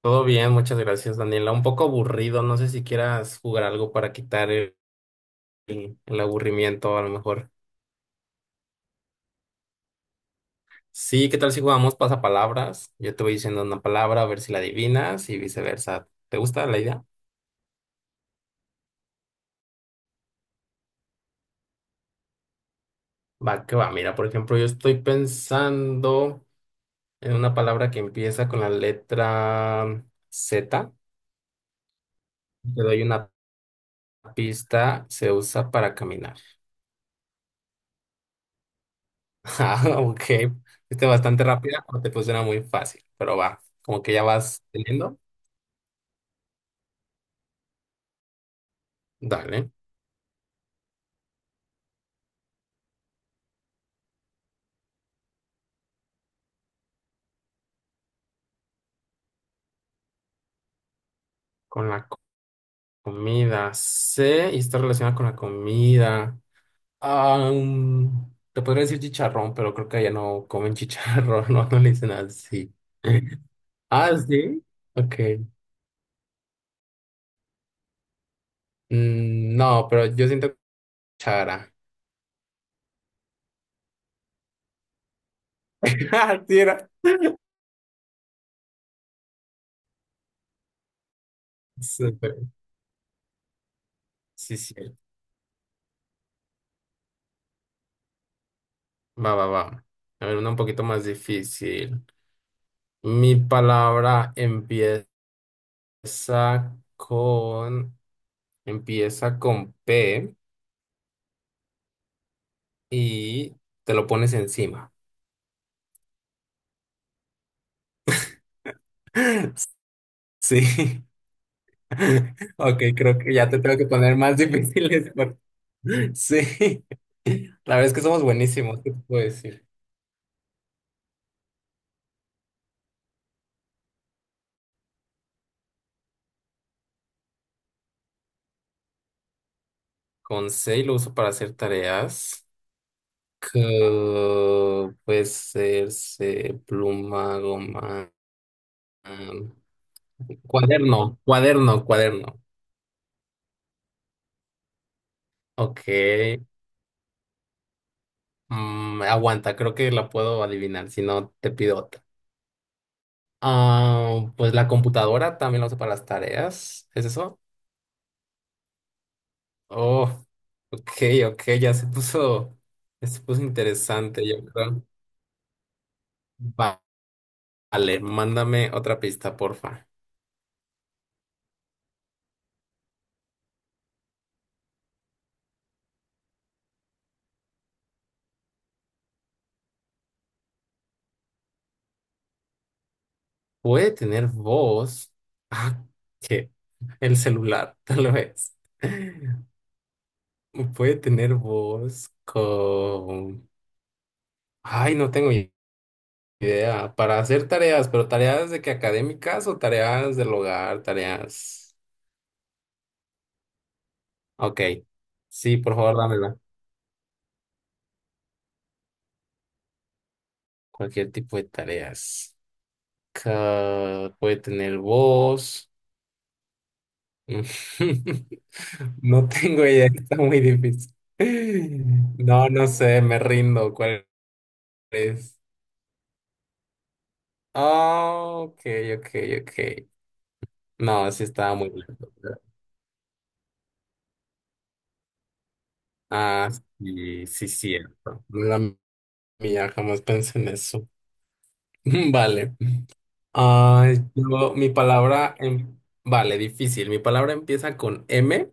Todo bien, muchas gracias, Daniela. Un poco aburrido, no sé si quieras jugar algo para quitar el, el aburrimiento, a lo mejor. Sí, ¿qué tal si jugamos pasapalabras? Yo te voy diciendo una palabra, a ver si la adivinas y viceversa. ¿Te gusta la idea? Va, que va. Mira, por ejemplo, yo estoy pensando en una palabra que empieza con la letra Z. Te doy una pista, se usa para caminar. Ah, ok. Este bastante rápida, pero te funciona muy fácil, pero va, como que ya vas teniendo. Dale. Con la comida. C y está relacionada con la comida. Ah, te podría decir chicharrón, pero creo que allá no comen chicharrón, no, no le dicen así. Ah, sí. Ok. No, pero yo siento chara. Ah, sí era. Súper. Sí, sí. Va, va, va. A ver, una un poquito más difícil. Mi palabra empieza con. Empieza con P. Y te lo pones encima. Sí. Ok, creo que ya te tengo que poner más difíciles. Sí. La verdad es que somos buenísimos, ¿qué te puedo decir? Con C lo uso para hacer tareas. Que puede ser C, pluma, goma, am, cuaderno. Ok. Aguanta, creo que la puedo adivinar, si no te pido. Ah, pues la computadora también la uso para las tareas. ¿Es eso? Oh, ok, ok, ya se puso interesante, yo creo. Va- Vale, mándame otra pista, porfa. ¿Puede tener voz? Ah, ¿qué? El celular, tal vez. Puede tener voz con... Ay, no tengo idea. Para hacer tareas, pero tareas de que académicas o tareas del hogar, tareas... Ok. Sí, por favor, dámela. Cualquier tipo de tareas. Ca- puede tener voz. No tengo idea, está muy difícil. No, no sé, me rindo. ¿Cuál es? Ah, ok, ok, ok. No, sí estaba muy lento. Ah, sí, sí, cierto. No era mía, jamás pensé en eso. Vale. Ay, mi palabra, vale, difícil. Mi palabra empieza con M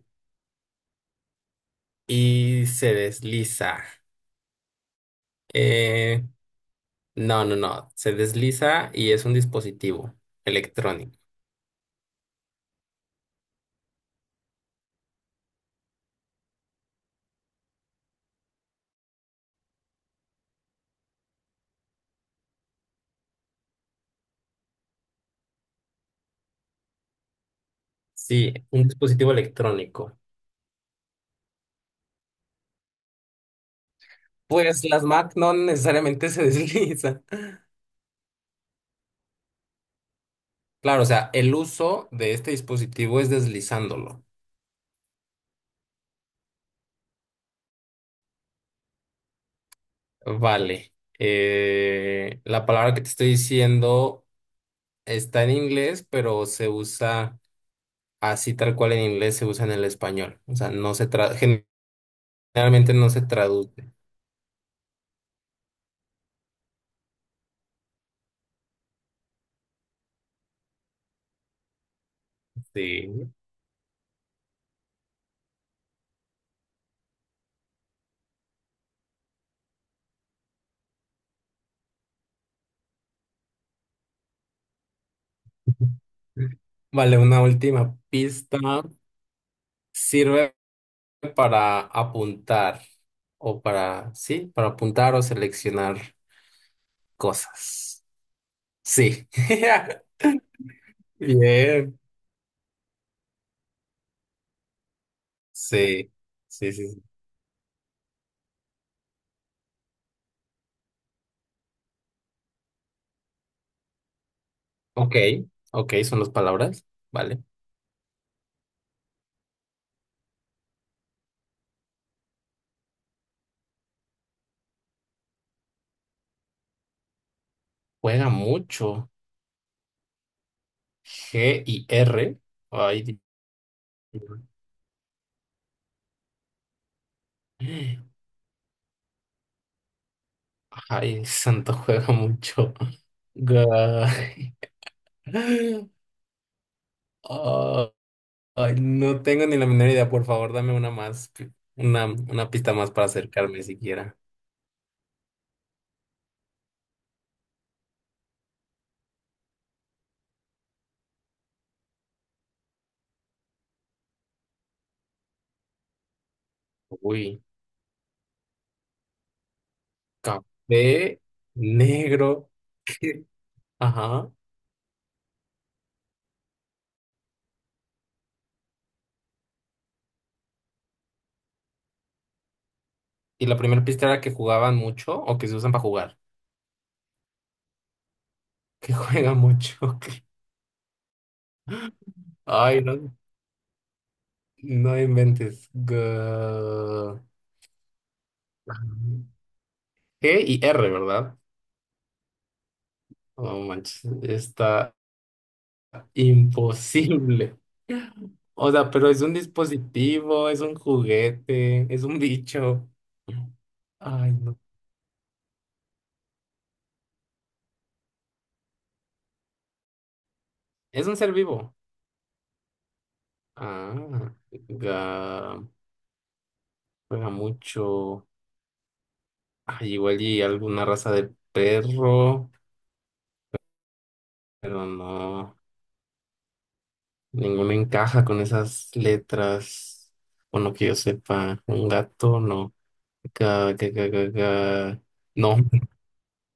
y se desliza. Eh, no, no, no. Se desliza y es un dispositivo electrónico. Sí, un dispositivo electrónico. Pues las Mac no necesariamente se deslizan. Claro, o sea, el uso de este dispositivo es deslizándolo. Vale. La palabra que te estoy diciendo está en inglés, pero se usa así tal cual. En inglés se usa en el español. O sea, no se generalmente no se traduce. Sí. Vale, una última pista. Sirve para apuntar o para, sí, para apuntar o seleccionar cosas. Sí. Bien. Sí, sí, sí. Sí. Ok, ok, son las palabras. Vale. Juega mucho. G y R. Ay, Dios mío. Ay, Santos juega mucho. Guay. Ah, ay, no tengo ni la menor idea. Por favor, dame una más, una pista más para acercarme siquiera. Uy, café negro. Ajá. Y la primera pista era que jugaban mucho o que se usan para jugar. Que juegan mucho. Ok. Ay, no, no inventes. G y R, ¿verdad? No manches, está imposible. O sea, pero es un dispositivo, es un juguete, es un bicho. Ay, no. Es un ser vivo. Ah, ga- juega mucho. Ay, igual y alguna raza de perro, pero no. Ninguno encaja con esas letras. Bueno, que yo sepa, un gato, no. Ga- ga- ga- ga- ga. No,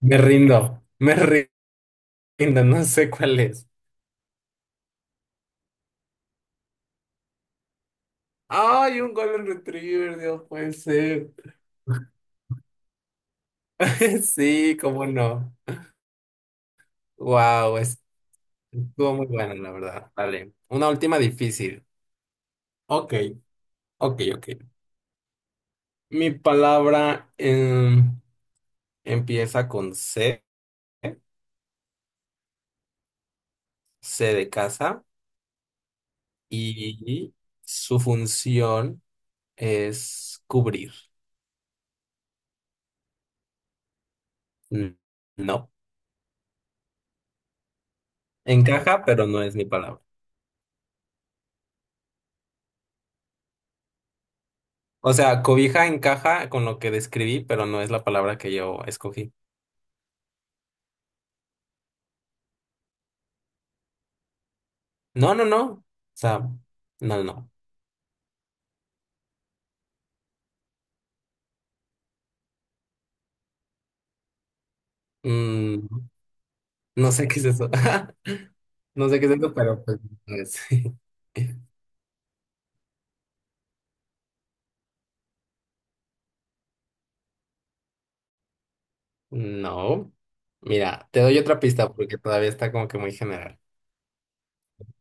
me rindo, no sé cuál es. Ay, un Golden Retriever, Dios puede ser. Sí, cómo no. Wow, estuvo muy bueno, la verdad. Vale. Una última difícil. Ok, ok, ok. Mi palabra empieza con C, C de casa, y su función es cubrir. N- No. Encaja, pero no es mi palabra. O sea, cobija encaja con lo que describí, pero no es la palabra que yo escogí. No, no, no. O sea, no, no, no. Mm, no sé qué es eso. No sé qué es eso, pero pues no es. No. Mira, te doy otra pista porque todavía está como que muy general.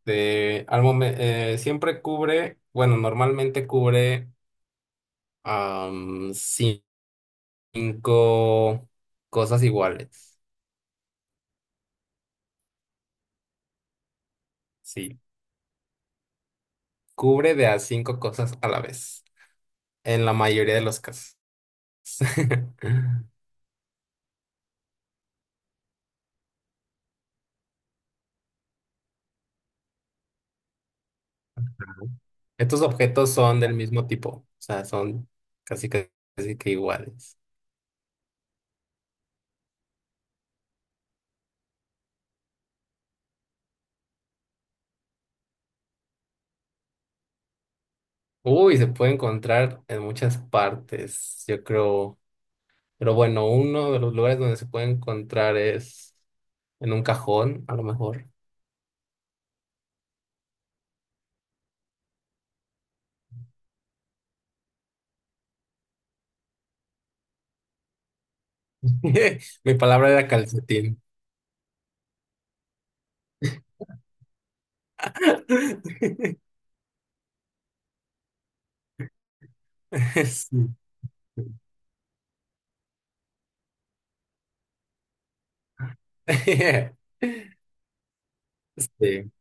De, al siempre cubre, bueno, normalmente cubre am, cinco cosas iguales. Sí, cubre de a cinco cosas a la vez, en la mayoría de los casos. Estos objetos son del mismo tipo, o sea, son casi, casi que iguales. Uy, se puede encontrar en muchas partes, yo creo. Pero bueno, uno de los lugares donde se puede encontrar es en un cajón, a lo mejor. Mi palabra era calcetín. Sí. Sí.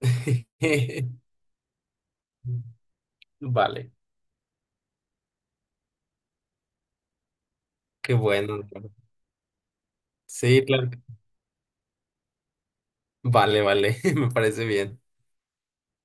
Vale, qué bueno. Sí, claro. Vale, vale, me parece bien.